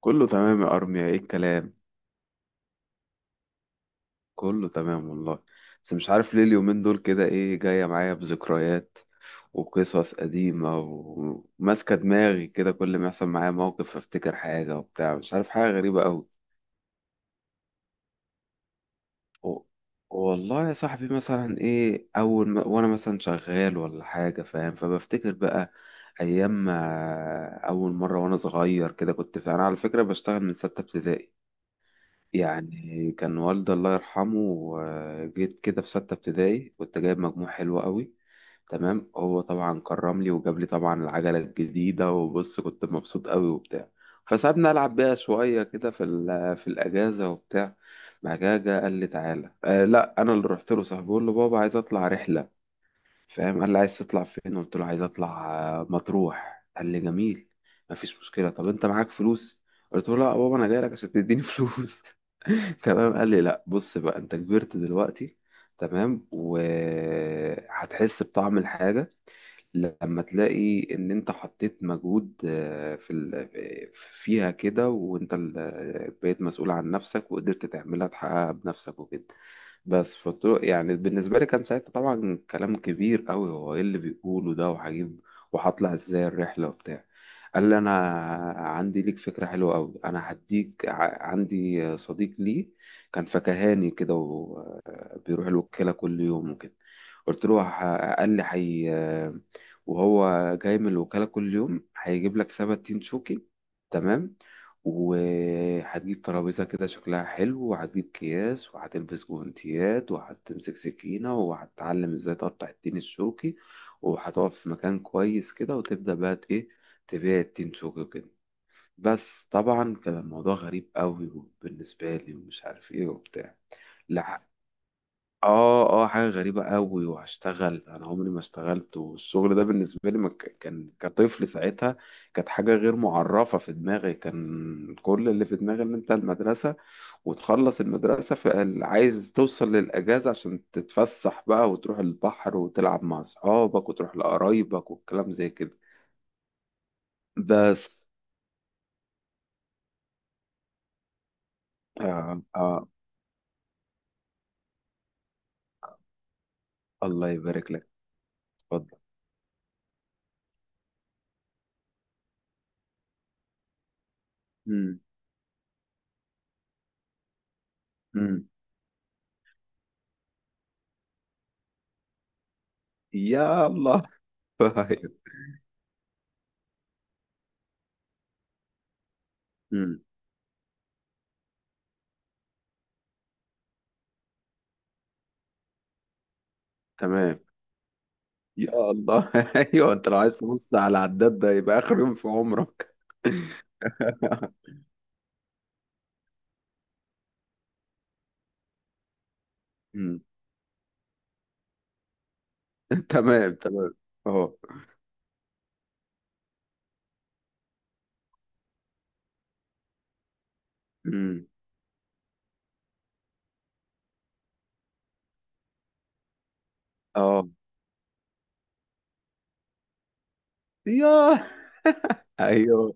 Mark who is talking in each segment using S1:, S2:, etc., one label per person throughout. S1: كله تمام يا ارميا، ايه الكلام؟ كله تمام والله. بس مش عارف ليه اليومين دول كده ايه جايه معايا بذكريات وقصص قديمه وماسكه دماغي كده، كل ما يحصل معايا موقف افتكر حاجه وبتاع، مش عارف، حاجه غريبه قوي. و- والله يا صاحبي مثلا ايه اول ما وانا مثلا شغال ولا حاجه فاهم، فبفتكر بقى ايام ما اول مره وانا صغير كده، كنت فاهم انا على فكره بشتغل من سته ابتدائي. يعني كان والدي الله يرحمه، جيت كده في ستة ابتدائي كنت جايب مجموع حلو قوي. تمام، هو طبعا كرم لي وجاب لي طبعا العجلة الجديدة، وبص كنت مبسوط قوي وبتاع. فسابني ألعب بيها شوية كده في في الأجازة وبتاع. بعد كده جه قال لي تعالى، لا أنا اللي رحت له صاحبي، بقول له بابا عايز أطلع رحلة، فاهم؟ قال لي عايز تطلع فين؟ قلت له عايز أطلع، مطروح. قال لي جميل، مفيش مشكلة، طب أنت معاك فلوس؟ قلت له لا يا بابا، أنا جاي لك عشان تديني فلوس. تمام، قال لي لا بص بقى انت كبرت دلوقتي، تمام، وهتحس بطعم الحاجة لما تلاقي ان انت حطيت مجهود آه، في ال... آه، فيها كده، وانت ال... آه، بقيت مسؤول عن نفسك وقدرت تعملها تحققها بنفسك وكده. بس فطرق يعني، بالنسبة لي كان ساعتها طبعا كلام كبير قوي، هو ايه اللي بيقوله ده، وهجيب وهطلع ازاي الرحلة وبتاع. قال لي انا عندي ليك فكرة حلوة قوي، انا هديك عندي صديق لي كان فكهاني كده، وبيروح الوكالة كل يوم وكده. قلت له قال لي حي، وهو جاي من الوكالة كل يوم هيجيب لك سبت تين شوكي، تمام، وهتجيب ترابيزة كده شكلها حلو، وهتجيب أكياس، وهتلبس جوانتيات، وهتمسك سكينة، وهتتعلم ازاي تقطع التين الشوكي، وهتقف في مكان كويس كده وتبدأ بقى ت- ايه تبيع التين شوكي كده. بس طبعا كان الموضوع غريب قوي بالنسبة لي ومش عارف ايه وبتاع. لا، اه اه، حاجة غريبة قوي، وهشتغل انا عمري ما اشتغلت، والشغل ده بالنسبة لي ما كان كطفل ساعتها، كانت حاجة غير معرفة في دماغي. كان كل اللي في دماغي ان انت المدرسة وتخلص المدرسة، فعايز توصل للأجازة عشان تتفسح بقى وتروح البحر وتلعب مع اصحابك وتروح لقرايبك والكلام زي كده. بس، آه آه. الله يبارك لك. اتفضل. امم. امم. يلا. أيوة. امم. تمام. يا الله. ايوه، انت لو عايز تبص على العداد ده يبقى اخر يوم في عمرك. مم. تمام تمام. اه. مم. اه. يا. ايوه.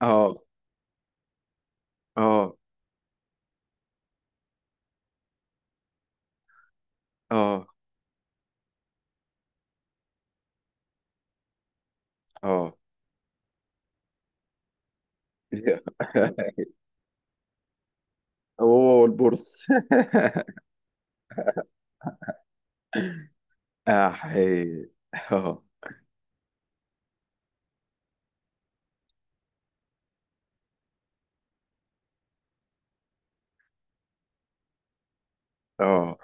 S1: اه اه اه اه. هو والبورس. احي. اه اه.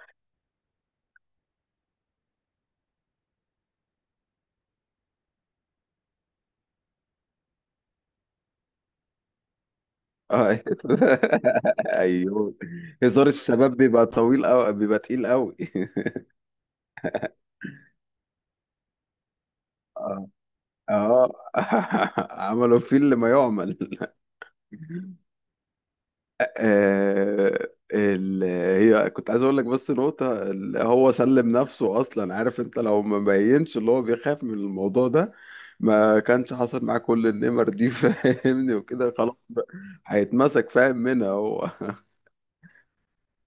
S1: آه. ايوه، هزار الشباب بيبقى طويل قوي، بيبقى تقيل قوي. اه اه. عملوا فيه اللي ما يعمل. آه، ال... هي كنت عايز اقول لك بس نقطة هو سلم نفسه اصلا، عارف انت لو ما بينش اللي هو بيخاف من الموضوع ده، ما كانش حصل معاه كل النمر دي. فاهمني؟ وكده خلاص بقى، هيتمسك، فاهم منها هو.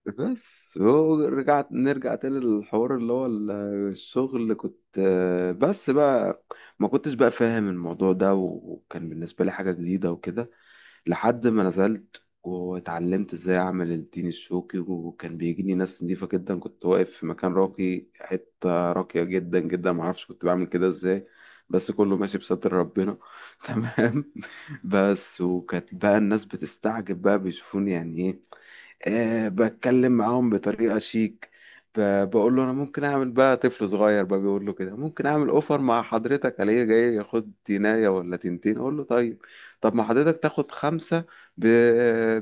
S1: بس هو رجعت، نرجع تاني للحوار اللي هو الشغل اللي كنت، بس بقى ما كنتش بقى فاهم الموضوع ده، وكان بالنسبة لي حاجة جديدة وكده، لحد ما نزلت واتعلمت ازاي اعمل التين الشوكي، وكان بيجيني ناس نضيفة جدا، كنت واقف في مكان راقي، حتة راقية جدا جدا، معرفش كنت بعمل كده ازاي، بس كله ماشي بستر ربنا. تمام. بس، وكانت بقى الناس بتستعجب بقى بيشوفوني يعني ايه، بتكلم معاهم بطريقة شيك، بقول له انا ممكن اعمل بقى، طفل صغير بقى بيقول له كده ممكن اعمل اوفر مع حضرتك، عليه جاي ياخد تينايه ولا تنتين، اقول له طيب، طب ما حضرتك تاخد خمسة ب...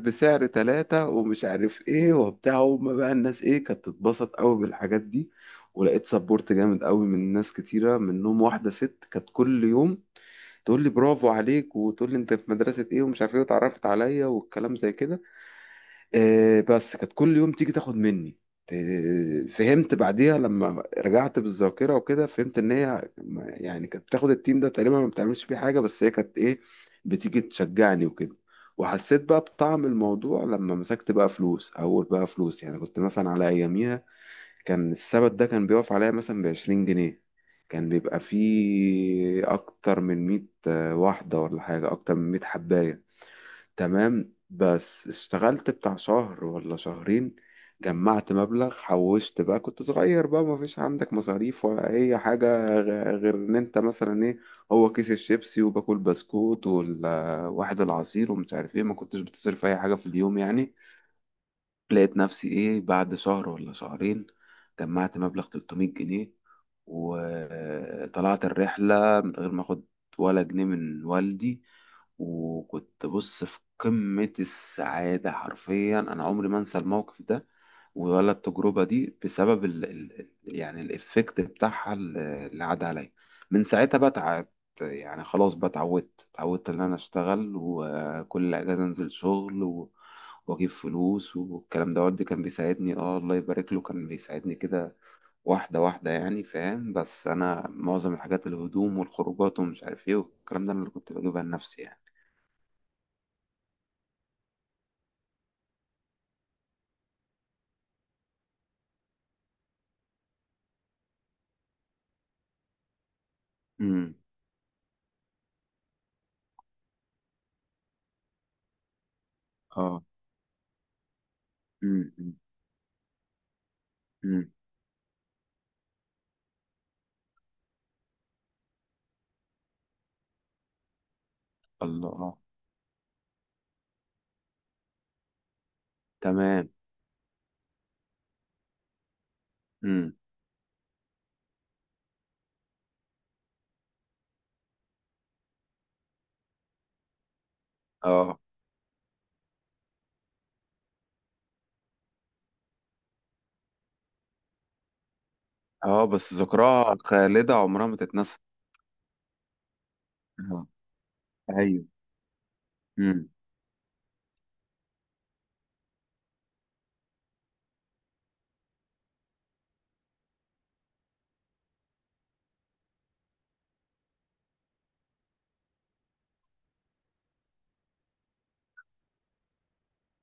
S1: بسعر تلاتة ومش عارف ايه وبتاع، وما بقى الناس ايه كانت تتبسط قوي بالحاجات دي. ولقيت سبورت جامد قوي من ناس كتيرة، منهم واحدة ست كانت كل يوم تقول لي برافو عليك، وتقول لي انت في مدرسة ايه ومش عارف ايه، واتعرفت عليا والكلام زي كده. بس كانت كل يوم تيجي تاخد مني، فهمت بعديها لما رجعت بالذاكرة وكده، فهمت ان هي يعني كانت بتاخد التين ده تقريبا ما بتعملش بيه حاجة، بس هي كانت ايه، بتيجي تشجعني وكده. وحسيت بقى بطعم الموضوع لما مسكت بقى فلوس، اول بقى فلوس يعني، كنت مثلا على اياميها كان السبت ده كان بيقف عليا مثلا بعشرين جنيه، كان بيبقى فيه اكتر من مية، واحدة ولا حاجة، اكتر من مية حباية، تمام. بس اشتغلت بتاع شهر ولا شهرين، جمعت مبلغ، حوشت بقى، كنت صغير بقى، ما فيش عندك مصاريف ولا اي حاجة، غير ان انت مثلا ايه، هو كيس الشيبسي وباكل بسكوت والواحد العصير ومش عارف ايه، ما كنتش بتصرف اي حاجة في اليوم يعني. لقيت نفسي ايه بعد شهر ولا شهرين جمعت مبلغ 300 جنيه، وطلعت الرحلة من غير ما اخد ولا جنيه من والدي، وكنت بص في قمة السعادة حرفيا. انا عمري ما انسى الموقف ده ولا التجربة دي بسبب ال ال يعني الإفكت بتاعها اللي عدى عليا. من ساعتها بقى اتعب، يعني خلاص بقى اتعودت إن أنا أشتغل، وكل أجازة أنزل شغل، واجيب فلوس والكلام ده. والدي كان بيساعدني، اه الله يبارك له، كان بيساعدني كده، واحدة واحدة يعني، فاهم؟ بس أنا معظم الحاجات، الهدوم والخروجات ومش عارف ايه والكلام ده، أنا اللي كنت بجيبها لنفسي يعني. امم. اه. امم. امم. أمم. الله. آه. تمام. امم. اه اه، بس ذكراها خالدة عمرها ما تتنسى. اه. ايوه. امم.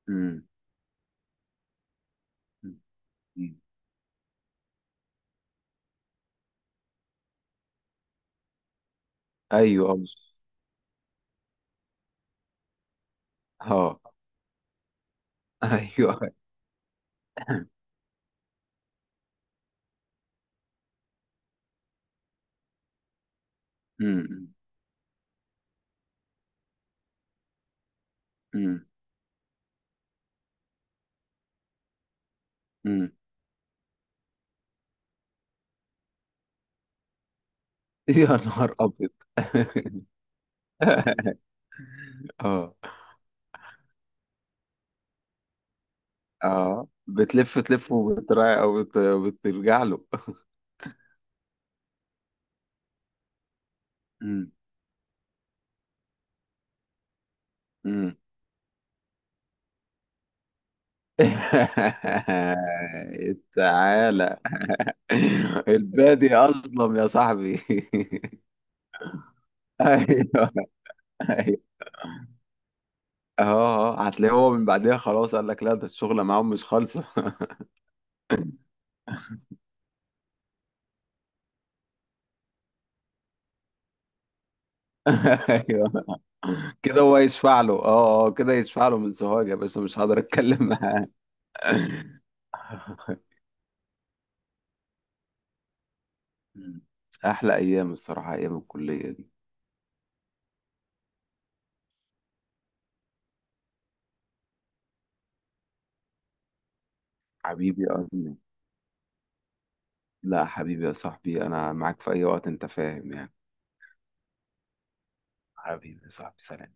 S1: امم. أمم. أمم. ايوه. اه، آه. ايوه. امم. امم. أمم. يا نهار ابيض. اه اه، بتلف تلف وبترا او بترجع له. مم. مم. تعالى، البادي اظلم يا صاحبي. ايوه. ايوه. اه اه، هتلاقيه هو من بعدها خلاص قال لك لا ده الشغله معاهم مش خالصه. ايوه كده، هو يشفع له، اه اه، كده يشفع له، من سوهاج يا باشا مش هقدر اتكلم معاه. مم. احلى ايام الصراحه، ايام الكليه دي. حبيبي يا ارمي. لا حبيبي يا صاحبي، انا معاك في اي وقت، انت فاهم يعني. حبيبي يا صاحبي، سلام.